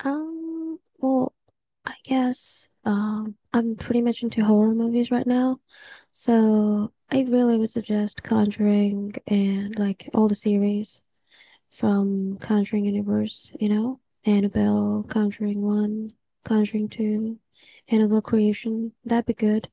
Um, well, I guess I'm pretty much into horror movies right now. So I really would suggest Conjuring and like all the series from Conjuring Universe, you know, Annabelle, Conjuring 1, Conjuring 2, Annabelle Creation. That'd be good.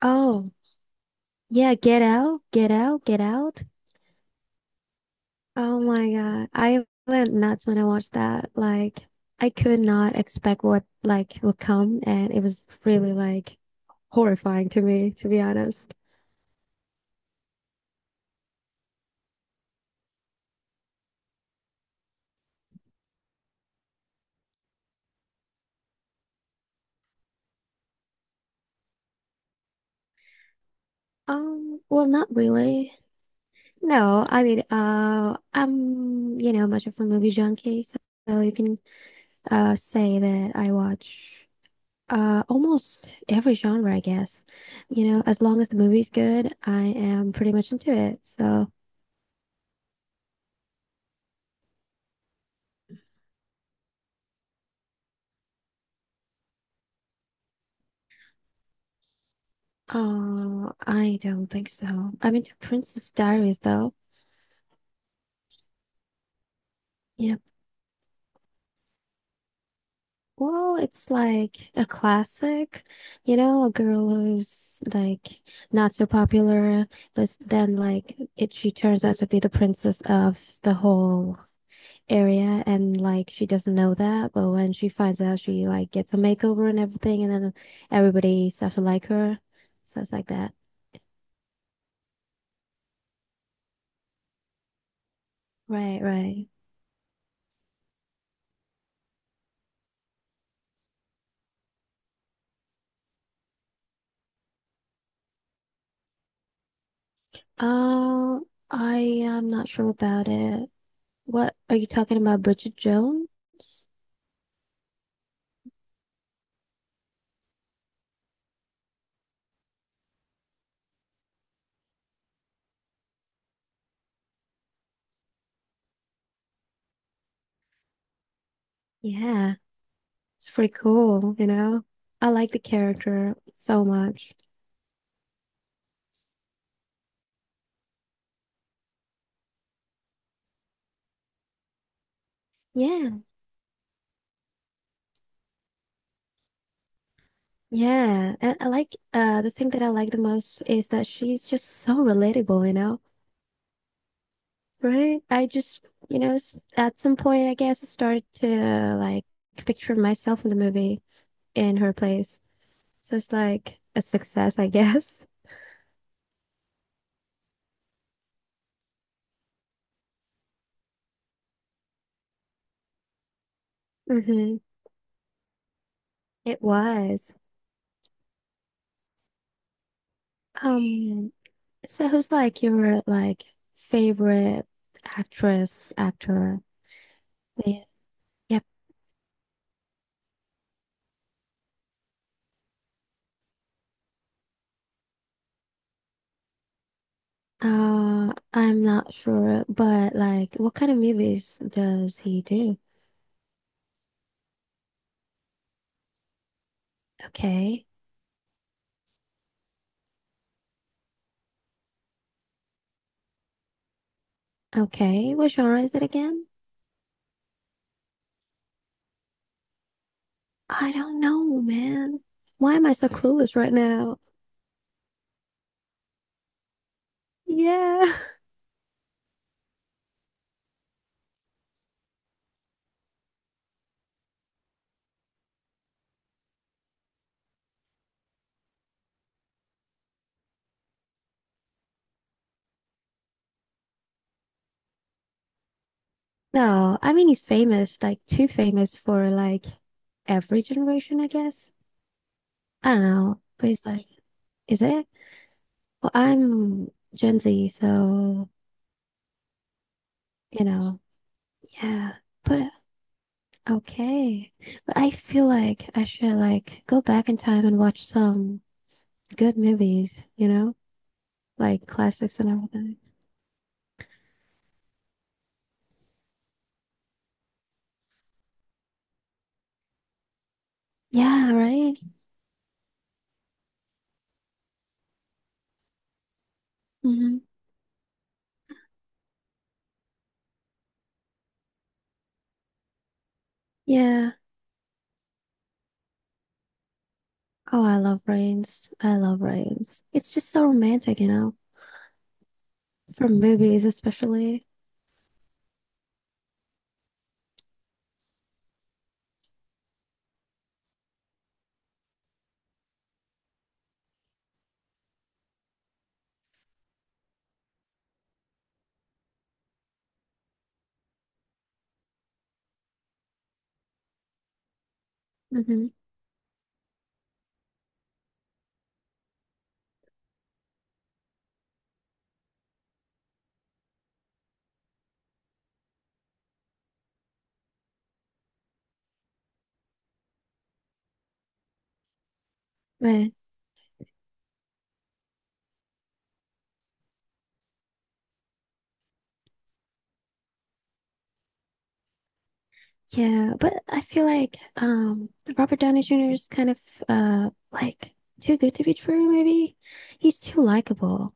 Oh, yeah, Get Out, Get Out, Get Out. Oh my God. I went nuts when I watched that. Like I could not expect what like would come and it was really like horrifying to me, to be honest. Well, not really. No, I mean I'm, you know, much of a movie junkie, so, so you can say that I watch almost every genre, I guess. You know, as long as the movie's good, I am pretty much into it. So, oh, I don't think so. I mean, the Princess Diaries, though. Yeah. Well, it's like a classic, you know, a girl who's like not so popular, but then like it, she turns out to be the princess of the whole area, and like she doesn't know that, but when she finds out, she like gets a makeover and everything, and then everybody starts to like her, stuff like that. Right, right. Oh, I am not sure about it. What are you talking about, Bridget Jones? Yeah, it's pretty cool, you know? I like the character so much. Yeah, yeah. And I like the thing that I like the most is that she's just so relatable, you know? Right? I just, you know, at some point I guess I started to like picture myself in the movie in her place. So it's like a success, I guess. Mm-hmm. It was. Um, So who's like your like favorite actress, actor? Yeah. Yep. I'm not sure, but like what kind of movies does he do? Okay. Okay. What genre is it again? I don't know, man. Why am I so clueless right now? Yeah. No, I mean he's famous, like too famous for like every generation, I guess. I don't know, but he's like, is it? Well, I'm Gen Z, so you know, yeah. But okay. But I feel like I should like go back in time and watch some good movies, you know, like classics and everything. Yeah, right? Mm-hmm. Yeah. Oh, I love Rains. I love Rains. It's just so romantic, you know, for movies especially. Mm-hmm. Right. Yeah, but I feel like Robert Downey Jr. is kind of like too good to be true, maybe. He's too likable.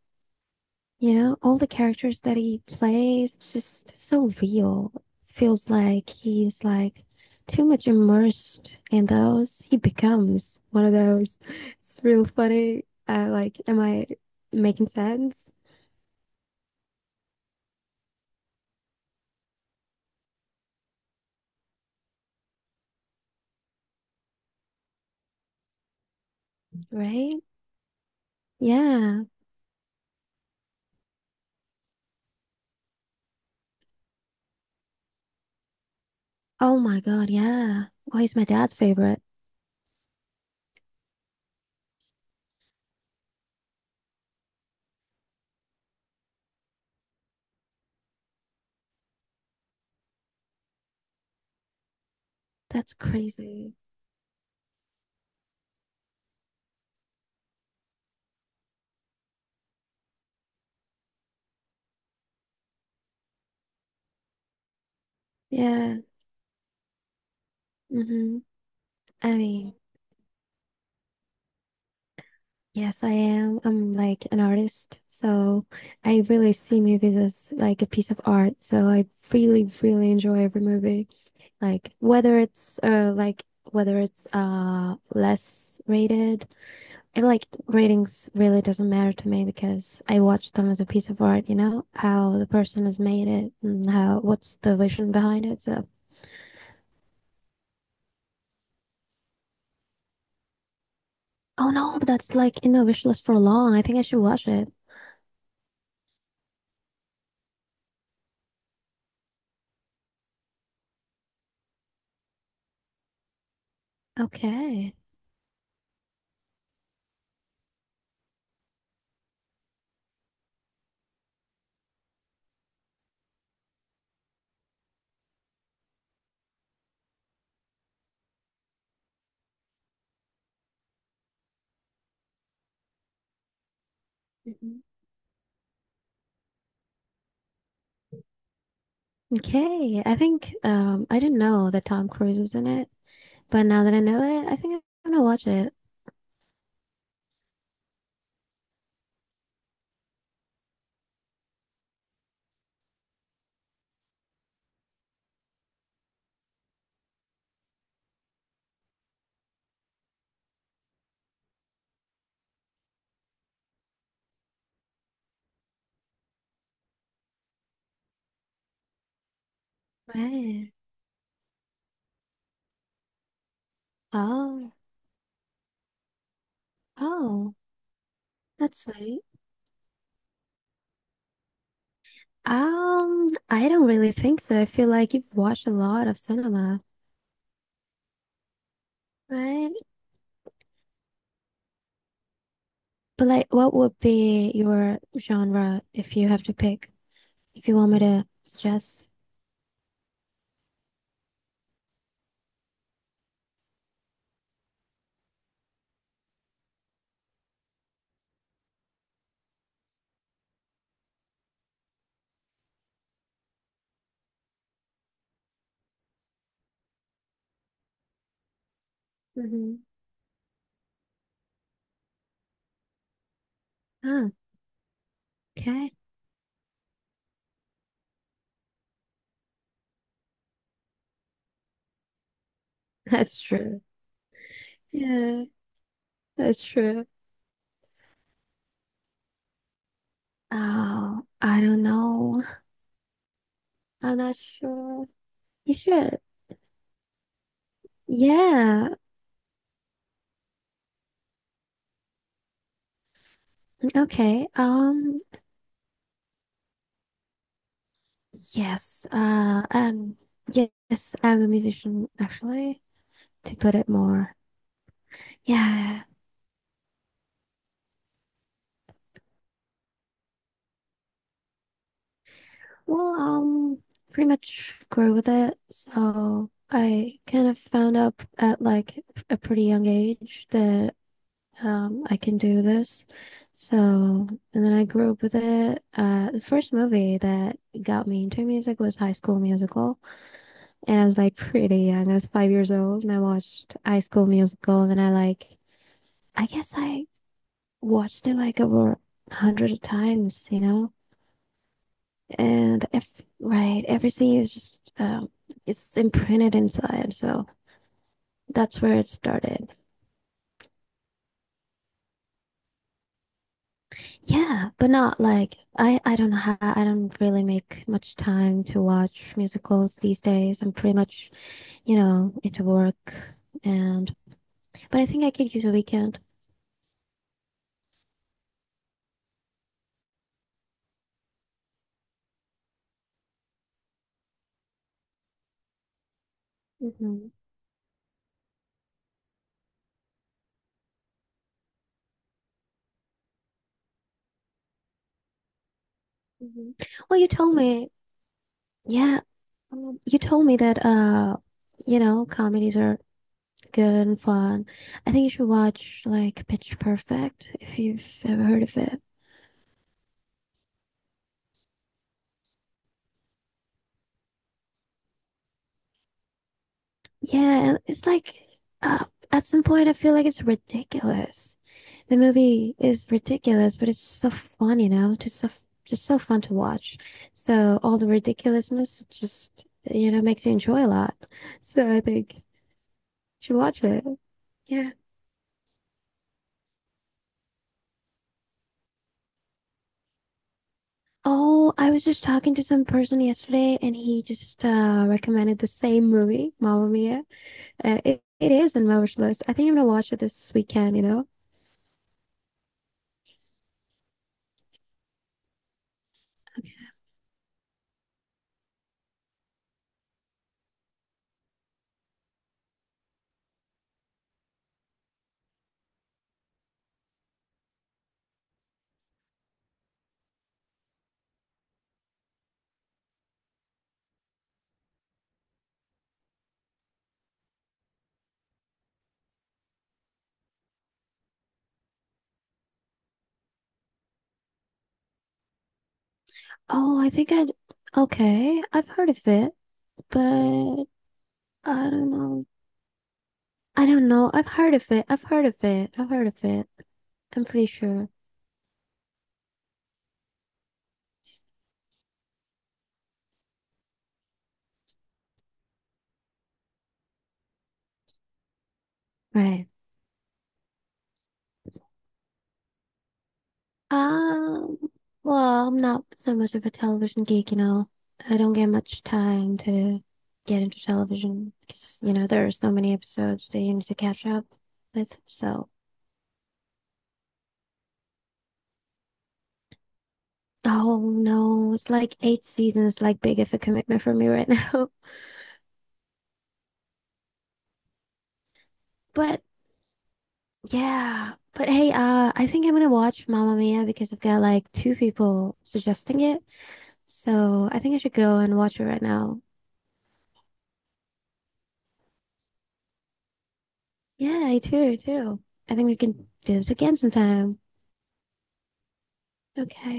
You know, all the characters that he plays, it's just so real. Feels like he's like too much immersed in those. He becomes one of those. It's real funny. Like, am I making sense? Right? Yeah. Oh my God, yeah. Well, he's my dad's favorite. That's crazy. Yeah. Mm-hmm. I mean, yes, I am. I'm like an artist, so I really see movies as like a piece of art. So I really, really enjoy every movie. Like whether it's less rated. I like ratings really doesn't matter to me because I watch them as a piece of art, you know, how the person has made it and how what's the vision behind it. So, oh no, but that's like in the wish list for long. I think I should watch it. Okay. Okay, I think I didn't know that Tom Cruise is in it, but now that I know it, I think I'm gonna watch it. Right. Oh, oh, that's sweet. I don't really think so. I feel like you've watched a lot of cinema, right? But like, what would be your genre if you have to pick? If you want me to suggest? Mm-hmm. Oh, okay. That's true. Yeah, that's true. Oh, I don't know. I'm not sure. You should. Yeah. Okay. Yes. Uh, um, yes, I'm a musician actually, to put it more. Yeah. Well, pretty much grew with it. So I kind of found out at like a pretty young age that I can do this. So, and then I grew up with it. The first movie that got me into music was High School Musical. And I was like pretty young. I was 5 years old and I watched High School Musical. And then I like, I guess I watched it like over 100 times, you know? And if, right, everything is just, it's imprinted inside. So that's where it started. Yeah, but not like, I don't know how, I don't really make much time to watch musicals these days. I'm pretty much, you know, into work. And, but I think I could use a weekend. Mhm. Mhm. Well, you told me, yeah, you told me that you know, comedies are good and fun. I think you should watch like Pitch Perfect if you've ever heard of it. Yeah, and it's like uh, at some point I feel like it's ridiculous. The movie is ridiculous, but it's just so fun, you know, just just so fun to watch. So all the ridiculousness just, you know, makes you enjoy a lot. So I think you should watch it. Yeah. Oh, I was just talking to some person yesterday and he just recommended the same movie, Mamma Mia. It is on my wish list. I think I'm gonna watch it this weekend, you know? Oh, I think I'd. Okay, I've heard of it, but I don't know. I don't know. I've heard of it. I've heard of it. I've heard of it. I'm pretty sure. Right. Um, well, I'm not so much of a television geek, you know. I don't get much time to get into television because, you know, there are so many episodes that you need to catch up with. So, oh no, it's like 8 seasons, like big of a commitment for me right now. But yeah, but hey, I think I'm gonna watch Mamma Mia because I've got like 2 people suggesting it. So I think I should go and watch it right now. Yeah, I too, too. I think we can do this again sometime. Okay.